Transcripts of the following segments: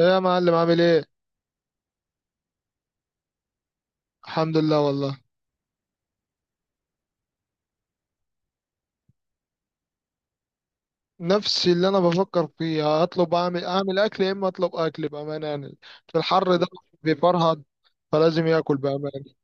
ايه يا معلم عامل ايه؟ الحمد لله والله. نفس اللي انا بفكر فيه، اطلب اعمل اكل، يا اما اطلب اكل بامانه يعني. في الحر ده؟ بيفرهد، فلازم ياكل بامانه.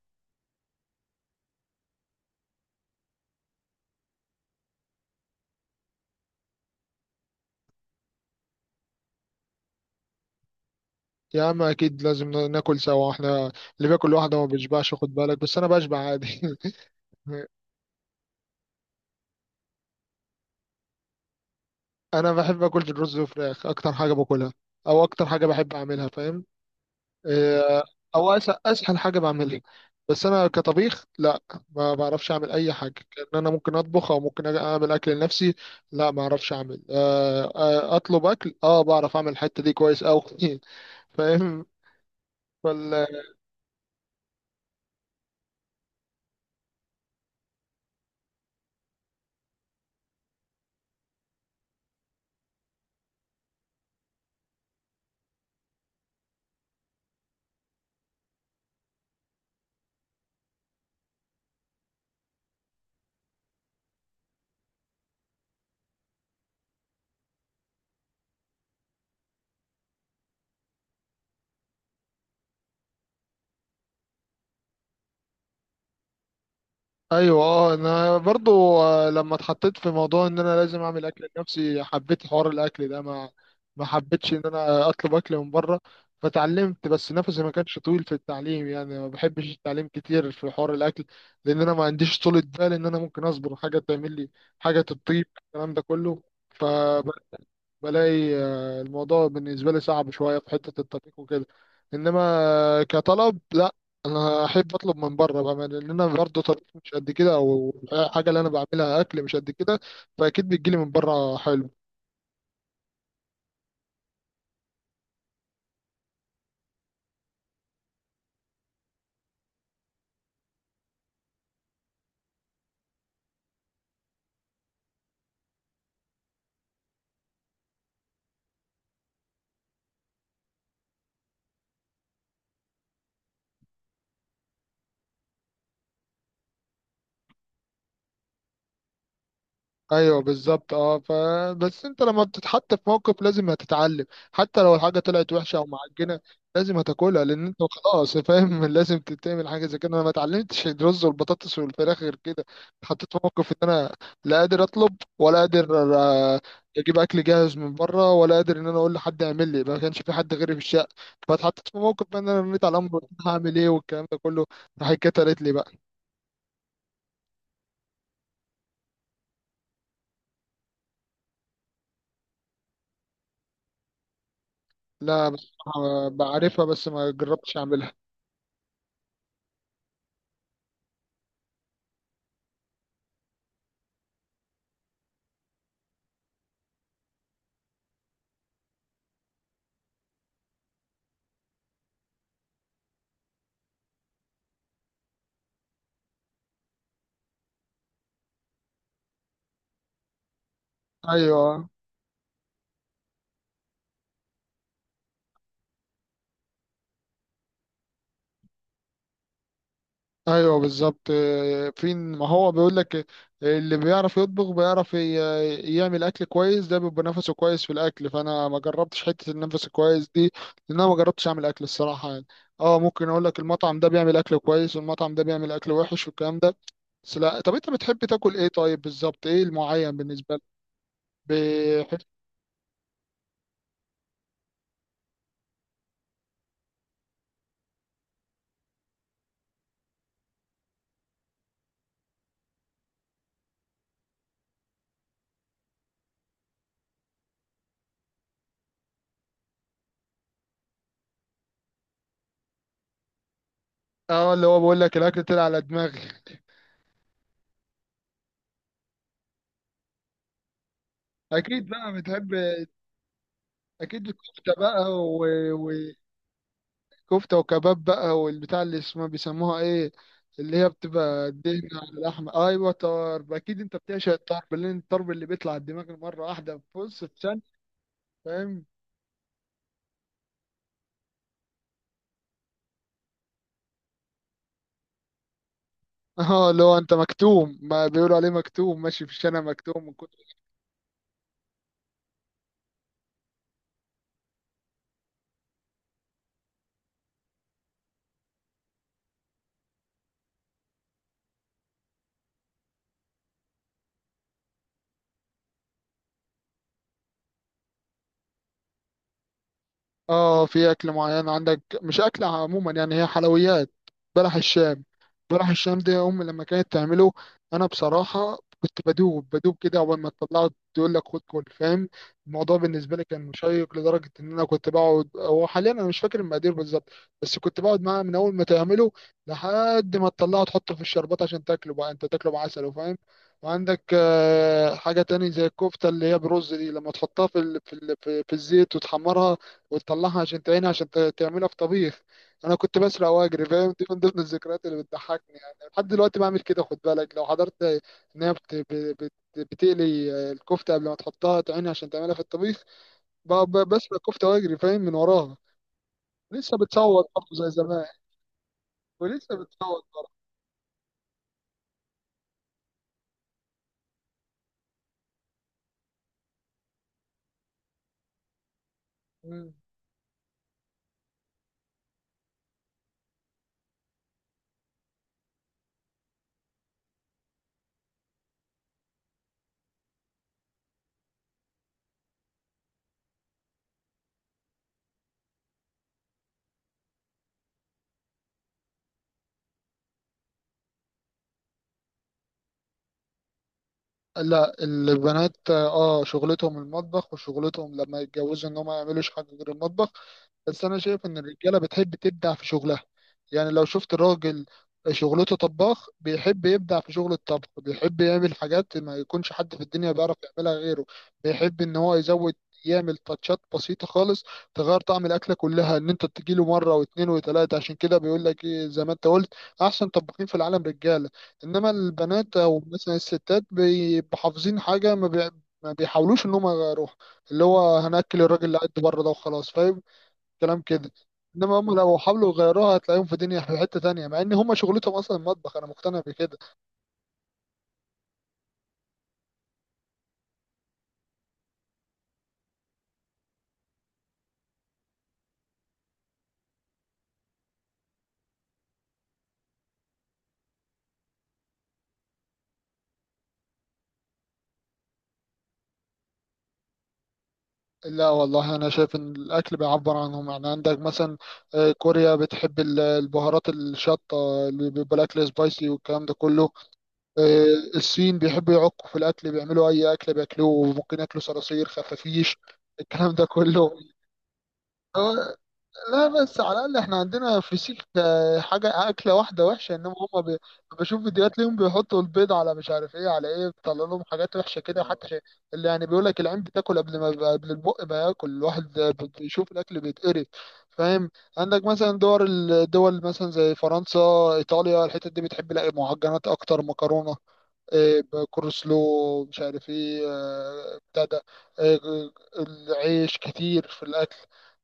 يا عم اكيد لازم ناكل سوا احنا. اللي بياكل لوحده ما بيشبعش، خد بالك، بس انا بشبع عادي. انا بحب اكل الرز والفراخ، اكتر حاجه باكلها او اكتر حاجه بحب اعملها، فاهم؟ آه. او اسهل حاجه بعملها. بس انا كطبيخ لا، ما بعرفش اعمل اي حاجه، كان انا ممكن اطبخ او ممكن اعمل اكل لنفسي. لا ما اعرفش اعمل. اطلب اكل، اه بعرف اعمل الحته دي كويس قوي. فاهم. ايوه اه، انا برضو. لما اتحطيت في موضوع ان انا لازم اعمل اكل لنفسي، حبيت حوار الاكل ده. ما حبيتش ان انا اطلب اكل من بره، فتعلمت، بس نفسي ما كانش طويل في التعليم يعني، ما بحبش التعليم كتير في حوار الاكل، لان انا ما عنديش طولة بال ان انا ممكن اصبر حاجه تعمل لي حاجه تطيب، الكلام ده كله. ف بلاقي الموضوع بالنسبة لي صعب شوية في حتة الطبيخ وكده، إنما، كطلب لا، أنا أحب أطلب من بره بقى، لأن أنا برضه طبيخ مش قد كده، أو الحاجة اللي أنا بعملها أكل مش قد كده، فأكيد بتجيلي من بره حلو. ايوه بالظبط اه، فبس انت لما بتتحط في موقف لازم هتتعلم، حتى لو الحاجه طلعت وحشه او معجنه، لازم هتاكلها لان انت خلاص، فاهم؟ لازم تتعمل حاجه زي كده. انا ما اتعلمتش الرز والبطاطس والفراخ غير كده. اتحطيت في موقف ان انا لا قادر اطلب ولا قادر اجيب اكل جاهز من بره، ولا قادر ان انا اقول لحد يعمل لي، ما كانش في حد غيري في الشقه، فاتحطيت في موقف بقى ان انا رميت على امر. هعمل ايه؟ والكلام ده كله. راح اتكترت لي بقى. لا بصراحه بعرفها بس ما جربتش اعملها. ايوه ايوه بالظبط، فين ما هو بيقول لك، اللي بيعرف يطبخ بيعرف يعمل اكل كويس، ده بيبقى نفسه كويس في الاكل، فانا ما جربتش حته النفس الكويس دي، لان انا ما جربتش اعمل اكل الصراحه يعني. اه، ممكن اقول لك المطعم ده بيعمل اكل كويس والمطعم ده بيعمل اكل وحش والكلام ده، بس لا. طب انت بتحب تاكل ايه؟ طيب بالظبط ايه المعين بالنسبه لك؟ بحب. اه اللي هو بقول لك الاكل طلع على دماغي. اكيد بقى بتحب، اكيد الكفته بقى. كفتة وكباب بقى، والبتاع اللي اسمها بيسموها ايه، اللي هي بتبقى دهنة على اللحمة، ايوه طرب. اكيد انت بتعشق الطرب، لان الطرب اللي بيطلع الدماغ مرة واحدة، بص في ثانية، فاهم؟ اه اللي هو انت مكتوم، ما بيقولوا عليه مكتوم ماشي في الشارع مكتوم. اه، في اكل معين عندك مش اكل عموما يعني، هي حلويات. بلح الشام. بلح الشام دي، امي لما كانت تعمله، انا بصراحه كنت بدوب بدوب كده. اول ما تطلعه تقول لك خد، كل، فاهم. الموضوع بالنسبه لي كان مشيق لدرجه ان انا كنت بقعد، هو حاليا انا مش فاكر المقادير بالظبط، بس كنت بقعد معاه من اول ما تعمله لحد ما تطلعه، تحطه في الشربات عشان تاكله بقى، انت تاكله بعسل وفاهم وعندك حاجه تاني زي الكفته اللي هي برز دي، لما تحطها في ال- في ال- في في الزيت وتحمرها وتطلعها عشان تعينها، عشان تعملها في طبيخ. انا كنت بسرق واجري، فاهم؟ دي من ضمن الذكريات اللي بتضحكني يعني، لحد دلوقتي بعمل كده. خد بالك لو حضرت ان هي بتقلي الكفته قبل ما تحطها تعينها عشان تعملها في الطبيخ، بسرق كفته واجري، فاهم؟ من وراها. لسه بتصوت برضه زي زمان. ولسه بتصوت برضه. مم. لا، البنات اه شغلتهم المطبخ، وشغلتهم لما يتجوزوا ان هم ما يعملوش حاجه غير المطبخ، بس انا شايف ان الرجاله بتحب تبدع في شغلها. يعني لو شفت راجل شغلته طباخ، بيحب يبدع في شغل الطبخ، بيحب يعمل حاجات ما يكونش حد في الدنيا بيعرف يعملها غيره، بيحب ان هو يزود، يعمل تاتشات بسيطة خالص تغير طعم الأكلة كلها، إن أنت تجيله مرة واتنين وتلاتة. عشان كده بيقول لك إيه زي ما أنت قلت، أحسن طباخين في العالم رجالة، إنما البنات أو مثلا الستات بيبقوا حافظين حاجة، ما بيحاولوش إن هم يغيروها، اللي هو هنأكل الراجل اللي قاعد بره ده وخلاص. كلام كده. انما هم لو حاولوا يغيروها، هتلاقيهم في دنيا في حته تانية، مع ان هم شغلتهم اصلا المطبخ. انا مقتنع بكده. لا والله، انا شايف ان الاكل بيعبر عنهم يعني. عندك مثلا، كوريا بتحب البهارات الشطه، اللي بيبقى الاكل سبايسي والكلام ده كله. آه، الصين بيحبوا يعكوا في الاكل، بيعملوا اي اكل بياكلوه، وممكن ياكلوا صراصير، خفافيش، الكلام ده كله. آه، لا بس على الأقل احنا عندنا في سيك حاجة أكلة واحدة وحشة، إنما هما بشوف فيديوهات ليهم بيحطوا البيض على مش عارف إيه على إيه، بيطلع لهم حاجات وحشة كده حتى شيء، اللي يعني بيقول لك العين بتاكل قبل ما قبل، البق ما ياكل الواحد بيشوف الأكل بيتقرف، فاهم؟ عندك مثلا الدول مثلا زي فرنسا، إيطاليا، الحتت دي بتحب لا معجنات أكتر، مكرونة، إيه، كورسلو مش عارف ايه بتاع ده. آه، العيش كتير في الاكل.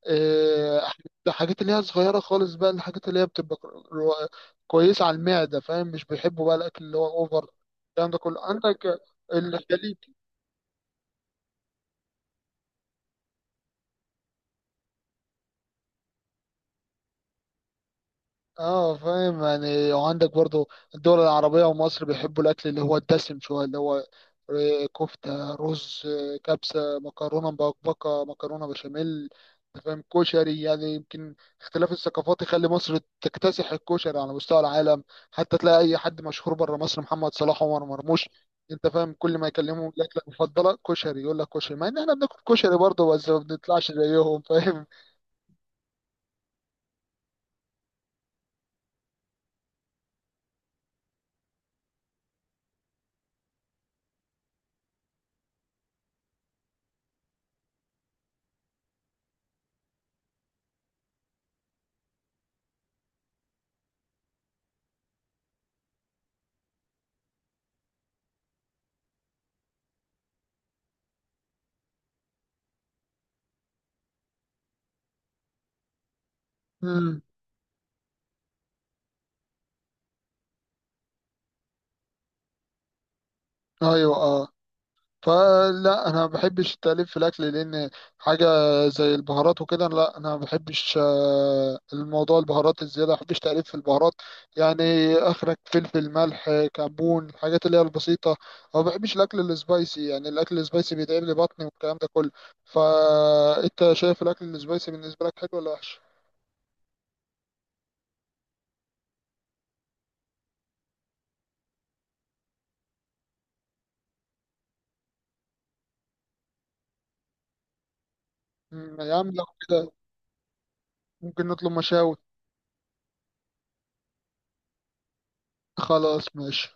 آه، الحاجات اللي هي صغيره خالص بقى، الحاجات اللي هي بتبقى، رو- كويسه على المعده، فاهم؟ مش بيحبوا بقى الاكل اللي هو اوفر، الكلام ده كله. عندك الخليج، اه فاهم يعني. وعندك برضو الدول العربية ومصر بيحبوا الأكل اللي هو الدسم شوية، اللي هو كفتة، رز، كبسة، مكرونة مبكبكة، مكرونة بشاميل، أنت فاهم كشري يعني. يمكن اختلاف الثقافات يخلي مصر تكتسح الكشري على مستوى العالم، حتى تلاقي أي حد مشهور بره مصر، محمد صلاح، عمر مرموش، أنت فاهم، كل ما يكلمه الأكلة المفضلة كشري، يقول لك كشري، مع إن إحنا بناكل كشري برضه، بس ما بنطلعش زيهم، فاهم؟ مم. أيوه أه. فلا انا ما بحبش التأليف في الاكل، لان حاجه زي البهارات وكده، لا انا ما بحبش الموضوع، البهارات الزياده ما بحبش تأليف في البهارات، يعني اخرك فلفل، ملح، كمون، الحاجات اللي هي البسيطه، أو ما بحبش الاكل السبايسي، يعني الاكل السبايسي بيتعب لي بطني والكلام ده كله. فانت شايف الاكل السبايسي بالنسبه لك حلو ولا وحش؟ يا عم لو كده، ممكن نطلب مشاوي. خلاص ماشي.